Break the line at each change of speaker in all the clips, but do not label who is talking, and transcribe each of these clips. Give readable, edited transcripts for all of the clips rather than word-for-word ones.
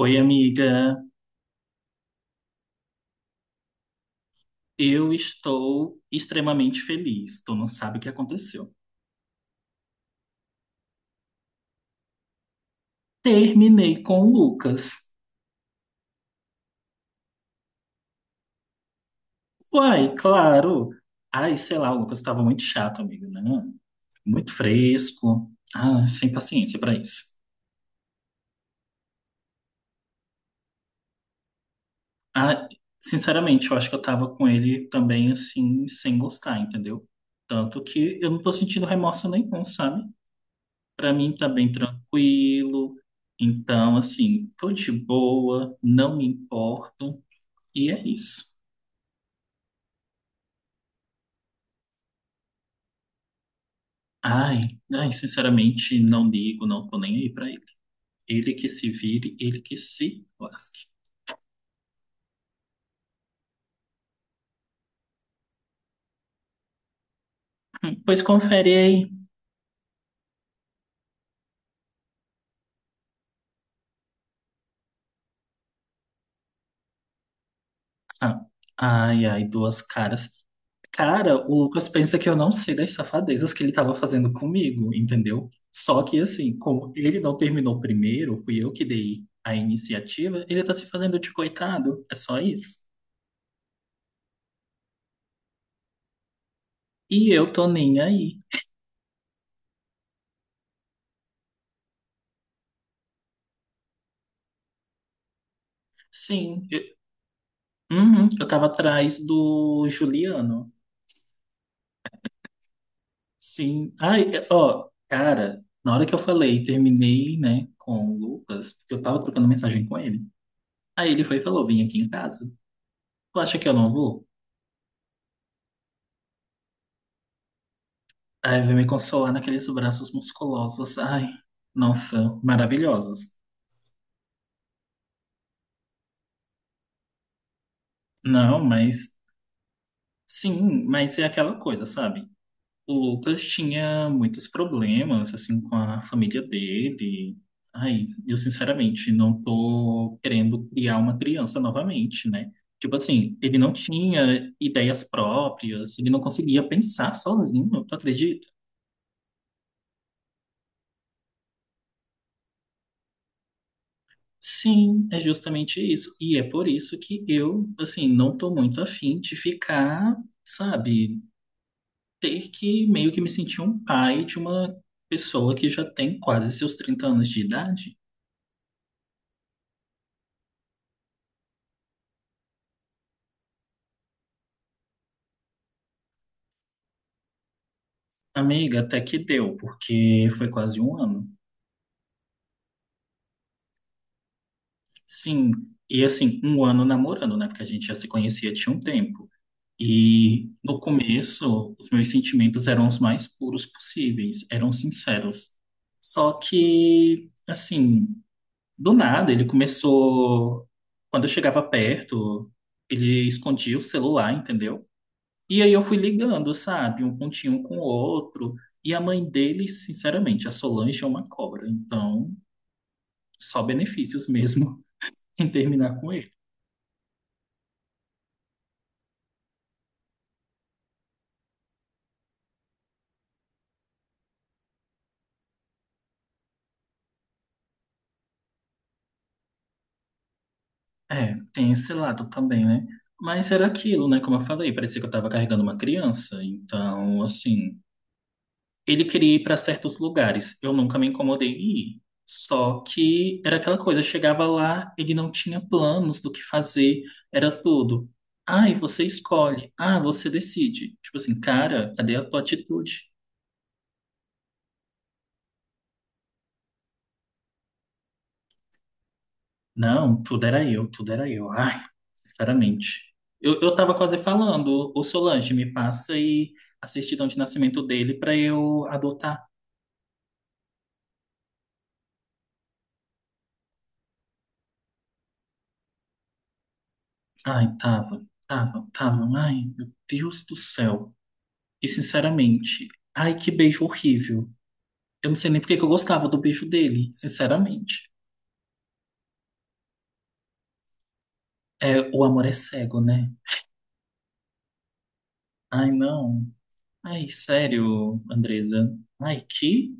Oi, amiga. Eu estou extremamente feliz. Tu não sabe o que aconteceu. Terminei com o Lucas. Uai, claro. Ai, sei lá, o Lucas estava muito chato, amiga, né? Muito fresco. Ah, sem paciência para isso. Ah, sinceramente, eu acho que eu tava com ele também assim, sem gostar, entendeu? Tanto que eu não tô sentindo remorso nenhum, sabe? Pra mim tá bem tranquilo. Então, assim, tô de boa, não me importo. E é isso. Ai, ai, sinceramente, não ligo, não tô nem aí pra ele. Ele que se vire, ele que se lasque. Pois confere aí. Ah, ai, ai, duas caras. Cara, o Lucas pensa que eu não sei das safadezas que ele tava fazendo comigo, entendeu? Só que assim, como ele não terminou primeiro, fui eu que dei a iniciativa, ele tá se fazendo de coitado. É só isso. E eu tô nem aí. Sim, eu, uhum, eu tava atrás do Juliano. Sim. Ai, ó, cara, na hora que eu falei, terminei, né, com o Lucas, porque eu tava trocando mensagem com ele. Aí ele foi e falou: vim aqui em casa. Tu acha que eu não vou? Aí veio me consolar naqueles braços musculosos. Ai, nossa, maravilhosos. Não, mas sim, mas é aquela coisa, sabe? O Lucas tinha muitos problemas, assim, com a família dele. Ai, eu sinceramente não tô querendo criar uma criança novamente, né? Tipo assim, ele não tinha ideias próprias, ele não conseguia pensar sozinho, tu acredita? Sim, é justamente isso. E é por isso que eu, assim, não tô muito afim de ficar, sabe, ter que meio que me sentir um pai de uma pessoa que já tem quase seus 30 anos de idade. Amiga, até que deu, porque foi quase um ano. Sim, e assim, um ano namorando, né? Porque a gente já se conhecia tinha um tempo. E no começo, os meus sentimentos eram os mais puros possíveis, eram sinceros. Só que, assim, do nada, ele começou. Quando eu chegava perto, ele escondia o celular, entendeu? E aí eu fui ligando, sabe? Um pontinho com o outro. E a mãe dele, sinceramente, a Solange é uma cobra, então. Só benefícios mesmo em terminar com ele. É, tem esse lado também, né? Mas era aquilo, né? Como eu falei, parecia que eu tava carregando uma criança. Então, assim, ele queria ir para certos lugares. Eu nunca me incomodei em ir. Só que era aquela coisa, eu chegava lá, ele não tinha planos do que fazer, era tudo. Ai, você escolhe. Ah, você decide. Tipo assim, cara, cadê a tua atitude? Não, tudo era eu, tudo era eu. Ah, claramente. Eu tava quase falando, o Solange me passa e a certidão de nascimento dele para eu adotar. Ai, tava, tava, tava. Ai, meu Deus do céu. E sinceramente, ai, que beijo horrível. Eu não sei nem porque que eu gostava do beijo dele, sinceramente. É, o amor é cego, né? Ai, não. Ai, sério, Andresa. Ai, que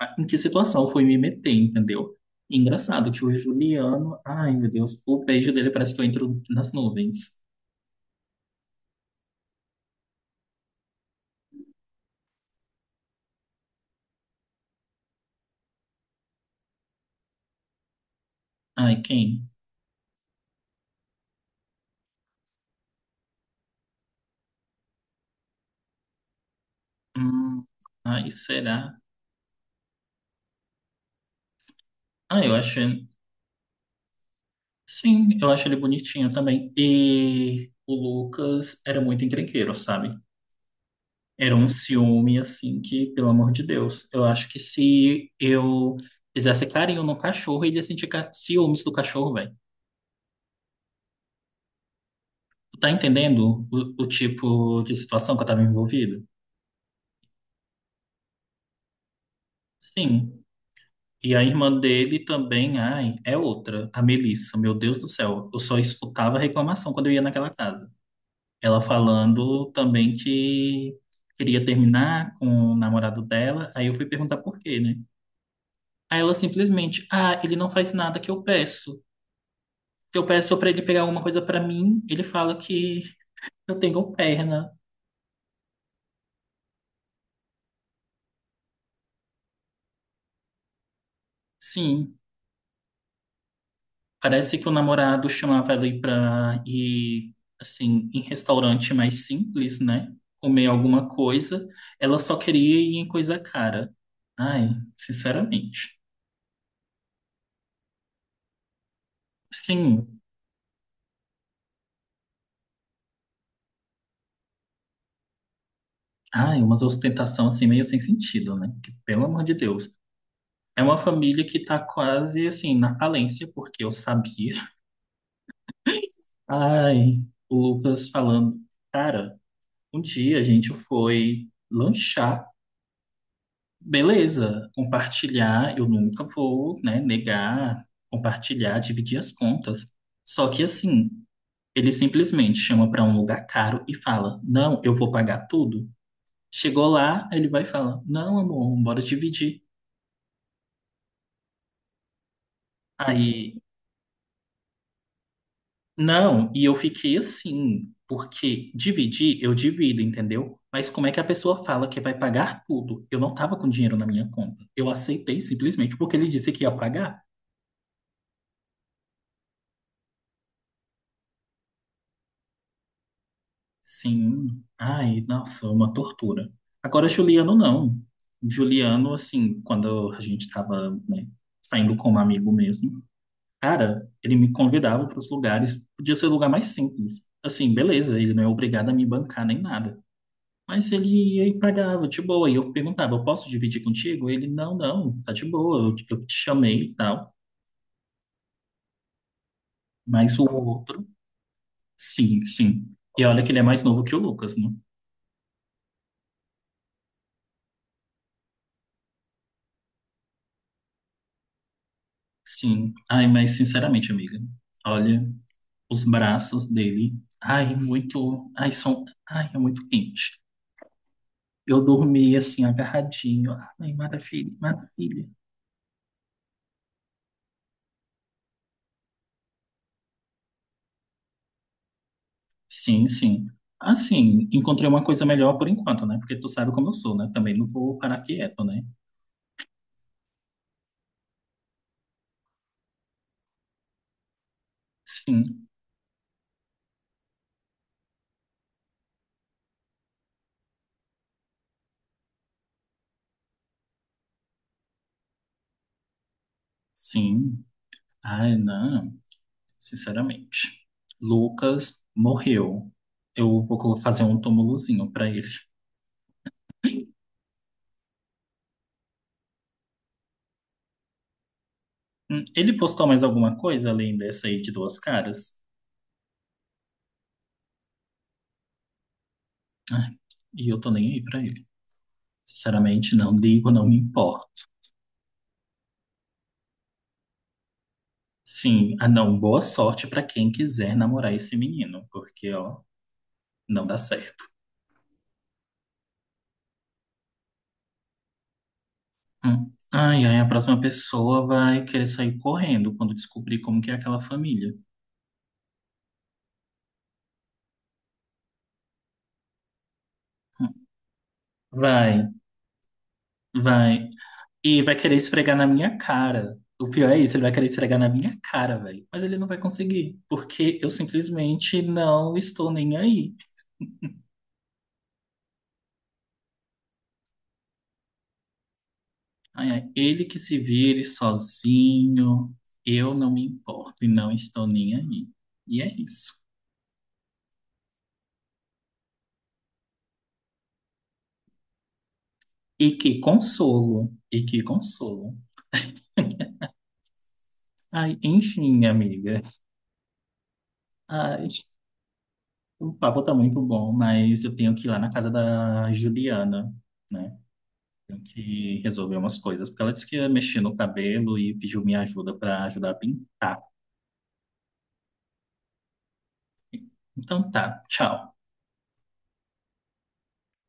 em que situação eu fui me meter, entendeu? Engraçado que o Juliano, ai meu Deus, o beijo dele parece que eu entro nas nuvens. Ai, quem? Hum, ai, será? Ah, eu acho, sim, eu acho ele bonitinho também. E o Lucas era muito encrenqueiro, sabe? Era um ciúme, assim, que, pelo amor de Deus, eu acho que se eu fizesse carinho no cachorro, ele ia sentir ciúmes do cachorro, velho. Tu tá entendendo o tipo de situação que eu tava envolvido? Sim. E a irmã dele também, ai, é outra, a Melissa, meu Deus do céu. Eu só escutava reclamação quando eu ia naquela casa. Ela falando também que queria terminar com o namorado dela. Aí eu fui perguntar por quê, né? Aí ela simplesmente, ah, ele não faz nada que eu peço. Que eu peço pra ele pegar alguma coisa pra mim, ele fala que eu tenho perna. Sim, parece que o namorado chamava ela aí pra ir, assim, em restaurante mais simples, né? Comer alguma coisa. Ela só queria ir em coisa cara. Ai, sinceramente. Sim, ai, umas ostentação assim meio sem sentido, né? Que, pelo amor de Deus. É uma família que tá quase, assim, na falência, porque eu sabia. Ai, o Lucas falando, cara, um dia a gente foi lanchar. Beleza, compartilhar, eu nunca vou, né, negar, compartilhar, dividir as contas. Só que assim, ele simplesmente chama para um lugar caro e fala: não, eu vou pagar tudo. Chegou lá, ele vai falar: não, amor, bora dividir. Aí, não, e eu fiquei assim, porque dividir, eu divido, entendeu? Mas como é que a pessoa fala que vai pagar tudo? Eu não tava com dinheiro na minha conta. Eu aceitei simplesmente porque ele disse que ia pagar. Sim. Ai, nossa, uma tortura. Agora, Juliano, não. Juliano, assim, quando a gente tava, né, saindo com um amigo mesmo, cara, ele me convidava para os lugares, podia ser o lugar mais simples. Assim, beleza, ele não é obrigado a me bancar nem nada. Mas ele ia e pagava, de boa. E eu perguntava, eu posso dividir contigo? Ele, não, não, tá de boa, eu te chamei e tal. Mas o outro, sim, sim. E olha que ele é mais novo que o Lucas, né? Sim. Ai, mas sinceramente, amiga, olha. Os braços dele. Ai, muito. Ai, são. Ai, é muito quente. Eu dormi assim, agarradinho. Ai, maravilha, maravilha. Sim, sim. Assim, encontrei uma coisa melhor por enquanto, né? Porque tu sabe como eu sou, né? Também não vou parar quieto, né? Sim, sim. Ai, não. Sinceramente. Lucas morreu. Eu vou fazer um túmulozinho pra ele. Ele postou mais alguma coisa além dessa aí de duas caras? Ah, e eu tô nem aí pra ele. Sinceramente, não ligo, não me importo. Sim, ah não, boa sorte pra quem quiser namorar esse menino, porque ó, não dá certo. Hum. Ai, ai, a próxima pessoa vai querer sair correndo quando descobrir como que é aquela família. Hum. Vai, vai. E vai querer esfregar na minha cara. O pior é isso, ele vai querer esfregar na minha cara, velho. Mas ele não vai conseguir, porque eu simplesmente não estou nem aí. Ai, ai, ele que se vire sozinho, eu não me importo e não estou nem aí. E é isso. E que consolo, e que consolo. Ai, enfim, amiga. Ai, o papo tá muito bom, mas eu tenho que ir lá na casa da Juliana, né? Tenho que resolver umas coisas, porque ela disse que ia mexer no cabelo e pediu minha ajuda para ajudar a pintar. Então tá, tchau.